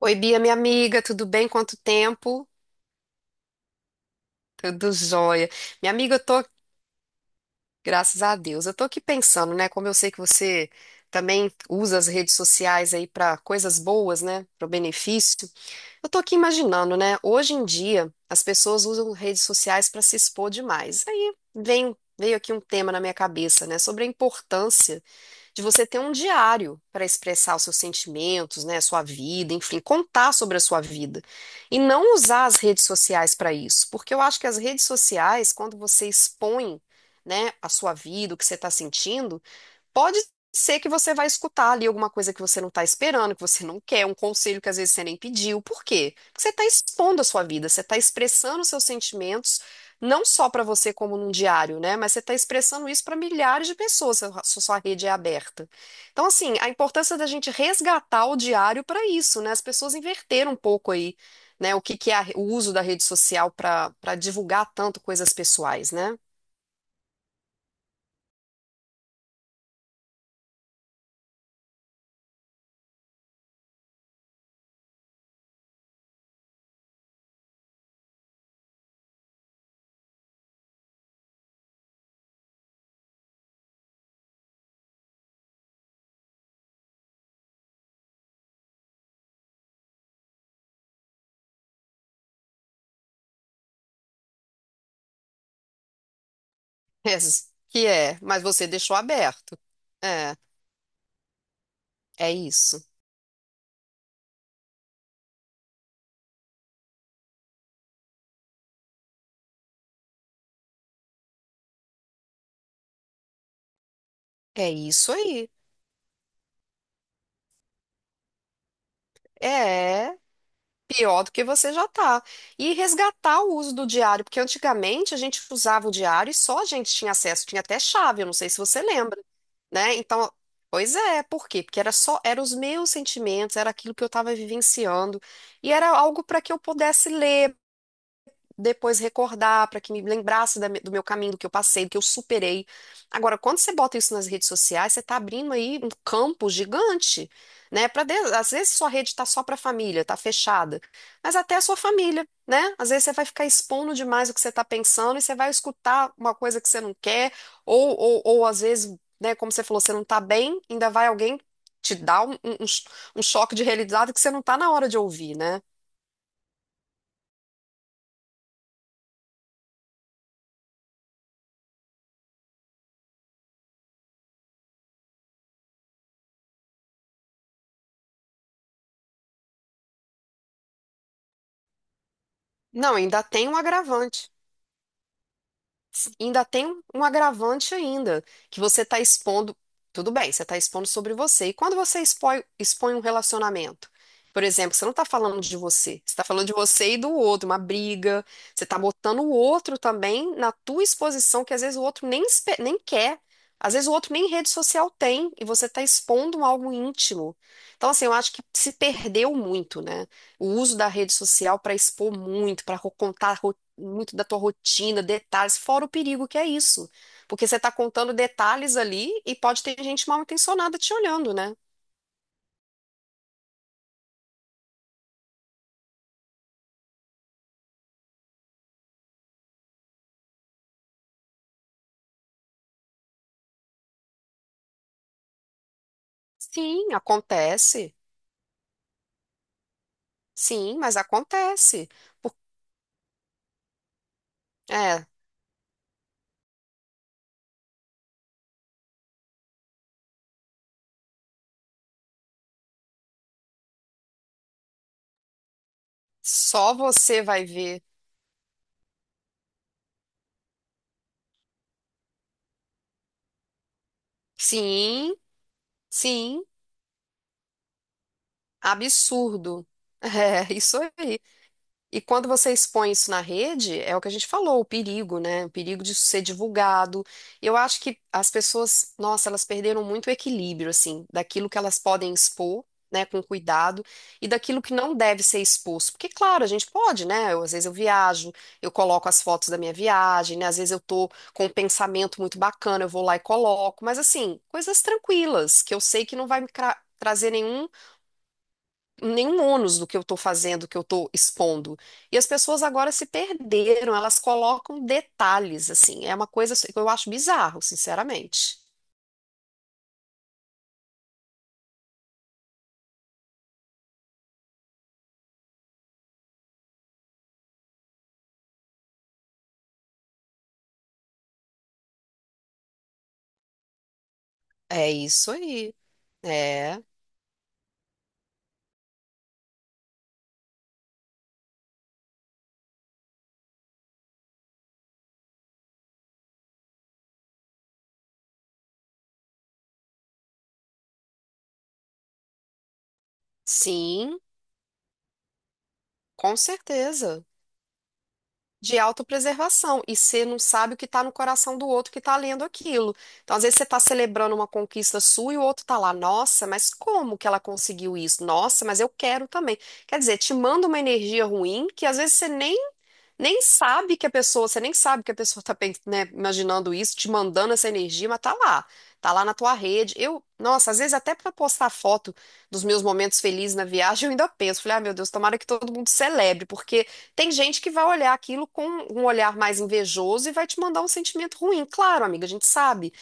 Oi, Bia, minha amiga, tudo bem? Quanto tempo? Tudo jóia. Minha amiga, eu tô, graças a Deus, eu tô aqui pensando, né? Como eu sei que você também usa as redes sociais aí para coisas boas, né? Para o benefício. Eu tô aqui imaginando, né? Hoje em dia, as pessoas usam redes sociais para se expor demais. Veio aqui um tema na minha cabeça, né? Sobre a importância de você ter um diário para expressar os seus sentimentos, né, sua vida, enfim, contar sobre a sua vida. E não usar as redes sociais para isso, porque eu acho que as redes sociais, quando você expõe, né, a sua vida, o que você está sentindo, pode ser que você vai escutar ali alguma coisa que você não está esperando, que você não quer, um conselho que às vezes você nem pediu. Por quê? Porque você está expondo a sua vida, você está expressando os seus sentimentos, não só para você como num diário, né? Mas você está expressando isso para milhares de pessoas, se a sua rede é aberta. Então, assim, a importância da gente resgatar o diário para isso, né? As pessoas inverteram um pouco aí, né? O que é o uso da rede social para divulgar tanto coisas pessoais, né? Que é, mas você deixou aberto. É. É isso. É isso aí. É pior do que você já tá. E resgatar o uso do diário, porque antigamente a gente usava o diário e só a gente tinha acesso, tinha até chave, eu não sei se você lembra, né? Então, pois é, por quê? Porque era só, eram os meus sentimentos, era aquilo que eu estava vivenciando, e era algo para que eu pudesse ler, depois recordar, para que me lembrasse do meu caminho, do que eu passei, do que eu superei. Agora, quando você bota isso nas redes sociais, você está abrindo aí um campo gigante, né? Para às vezes sua rede está só para a família, está fechada, mas até a sua família, né? Às vezes você vai ficar expondo demais o que você está pensando e você vai escutar uma coisa que você não quer, ou às vezes, né, como você falou, você não está bem, ainda vai alguém te dar um choque de realidade que você não está na hora de ouvir, né? Não, ainda tem um agravante. Mas ainda tem um agravante ainda, que você está expondo, tudo bem, você está expondo sobre você. E quando você expõe, expõe um relacionamento, por exemplo, você não está falando de você, você está falando de você e do outro, uma briga, você está botando o outro também na tua exposição, que às vezes o outro nem, nem quer. Às vezes o outro nem rede social tem e você está expondo algo íntimo. Então, assim, eu acho que se perdeu muito, né? O uso da rede social para expor muito, para contar muito da tua rotina, detalhes, fora o perigo que é isso. Porque você está contando detalhes ali e pode ter gente mal intencionada te olhando, né? Sim, acontece. Sim, mas acontece. Por- É, só você vai ver. Sim, sim, absurdo. É, isso aí. E quando você expõe isso na rede, é o que a gente falou, o perigo, né? O perigo disso ser divulgado. Eu acho que as pessoas, nossa, elas perderam muito o equilíbrio, assim, daquilo que elas podem expor, né, com cuidado, e daquilo que não deve ser exposto. Porque, claro, a gente pode, né? Eu, às vezes eu viajo, eu coloco as fotos da minha viagem, né? Às vezes eu tô com um pensamento muito bacana, eu vou lá e coloco. Mas, assim, coisas tranquilas, que eu sei que não vai trazer nenhum ônus do que eu estou fazendo, do que eu estou expondo. E as pessoas agora se perderam, elas colocam detalhes, assim. É uma coisa que eu acho bizarro, sinceramente. É isso aí. É, sim, com certeza. De autopreservação. E você não sabe o que está no coração do outro que está lendo aquilo. Então, às vezes, você está celebrando uma conquista sua e o outro está lá, nossa, mas como que ela conseguiu isso? Nossa, mas eu quero também. Quer dizer, te manda uma energia ruim que às vezes você nem nem sabe que a pessoa, você nem sabe que a pessoa tá, né, imaginando isso, te mandando essa energia, mas tá lá. Tá lá na tua rede. Eu, nossa, às vezes até pra postar foto dos meus momentos felizes na viagem, eu ainda penso, falei, ah, meu Deus, tomara que todo mundo celebre, porque tem gente que vai olhar aquilo com um olhar mais invejoso e vai te mandar um sentimento ruim. Claro, amiga, a gente sabe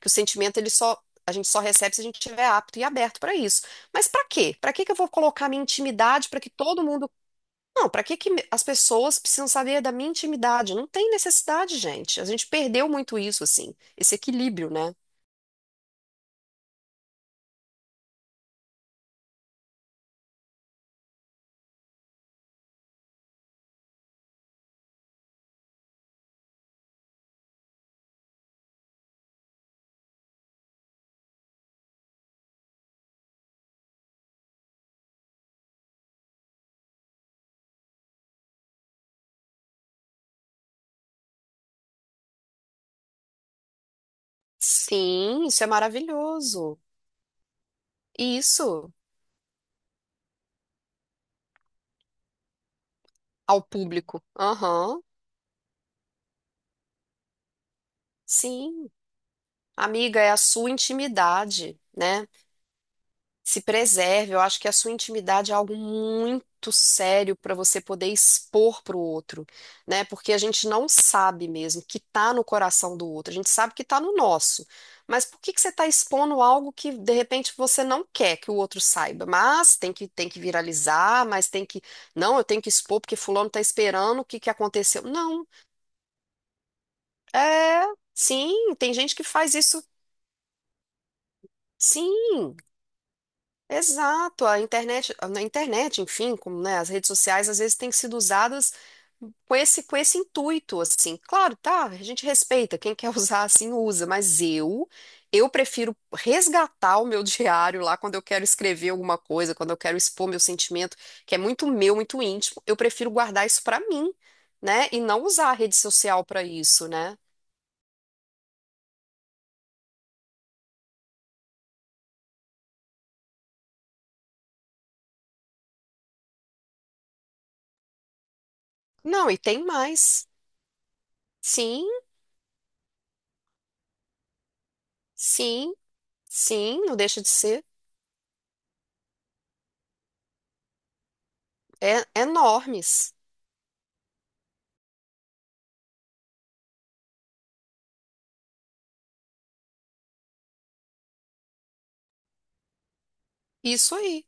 que o sentimento ele só a gente só recebe se a gente estiver apto e aberto pra isso. Mas pra quê? Pra que eu vou colocar minha intimidade pra que todo mundo não, para que as pessoas precisam saber da minha intimidade? Não tem necessidade, gente. A gente perdeu muito isso, assim, esse equilíbrio, né? Sim, isso é maravilhoso. Isso ao público. Aham, sim. Amiga, é a sua intimidade, né? Se preserve. Eu acho que a sua intimidade é algo muito sério para você poder expor para o outro, né? Porque a gente não sabe mesmo o que tá no coração do outro. A gente sabe que tá no nosso. Mas por que que você está expondo algo que de repente você não quer que o outro saiba? Mas tem que viralizar, mas tem que não, eu tenho que expor porque fulano está esperando o que que aconteceu. Não, é, sim, tem gente que faz isso. Sim, exato, na internet, enfim, como, né, as redes sociais às vezes têm sido usadas com esse intuito, assim. Claro, tá, a gente respeita, quem quer usar assim usa, mas eu prefiro resgatar o meu diário lá quando eu quero escrever alguma coisa, quando eu quero expor meu sentimento, que é muito meu, muito íntimo, eu prefiro guardar isso pra mim, né, e não usar a rede social pra isso, né? Não, e tem mais. Sim, sim, sim, não deixa de ser. É, enormes. Isso aí.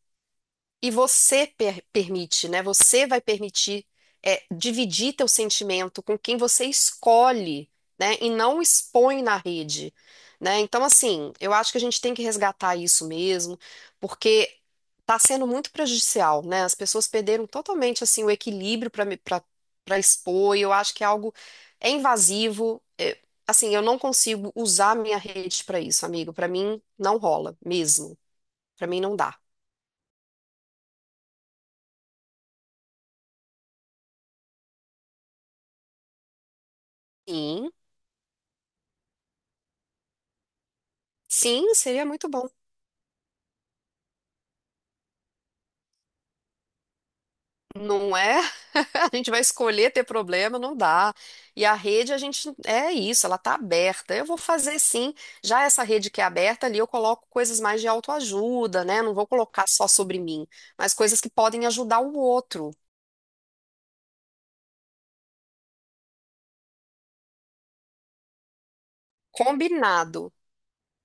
E você permite, né? Você vai permitir é, dividir teu sentimento com quem você escolhe, né? E não expõe na rede, né? Então, assim, eu acho que a gente tem que resgatar isso mesmo, porque tá sendo muito prejudicial, né? As pessoas perderam totalmente, assim, o equilíbrio para expor, e eu acho que é algo é invasivo. Assim, eu não consigo usar minha rede para isso, amigo. Para mim, não rola mesmo. Para mim, não dá. Sim. Sim, seria muito bom. Não é? A gente vai escolher ter problema, não dá. E a rede, a gente é isso, ela tá aberta. Eu vou fazer sim. Já essa rede que é aberta ali, eu coloco coisas mais de autoajuda, né? Não vou colocar só sobre mim, mas coisas que podem ajudar o outro. Combinado.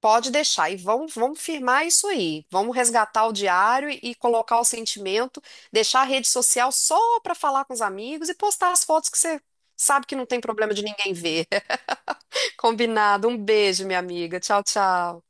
Pode deixar. E vamos firmar isso aí. Vamos resgatar o diário e colocar o sentimento, deixar a rede social só para falar com os amigos e postar as fotos que você sabe que não tem problema de ninguém ver. Combinado. Um beijo, minha amiga. Tchau, tchau.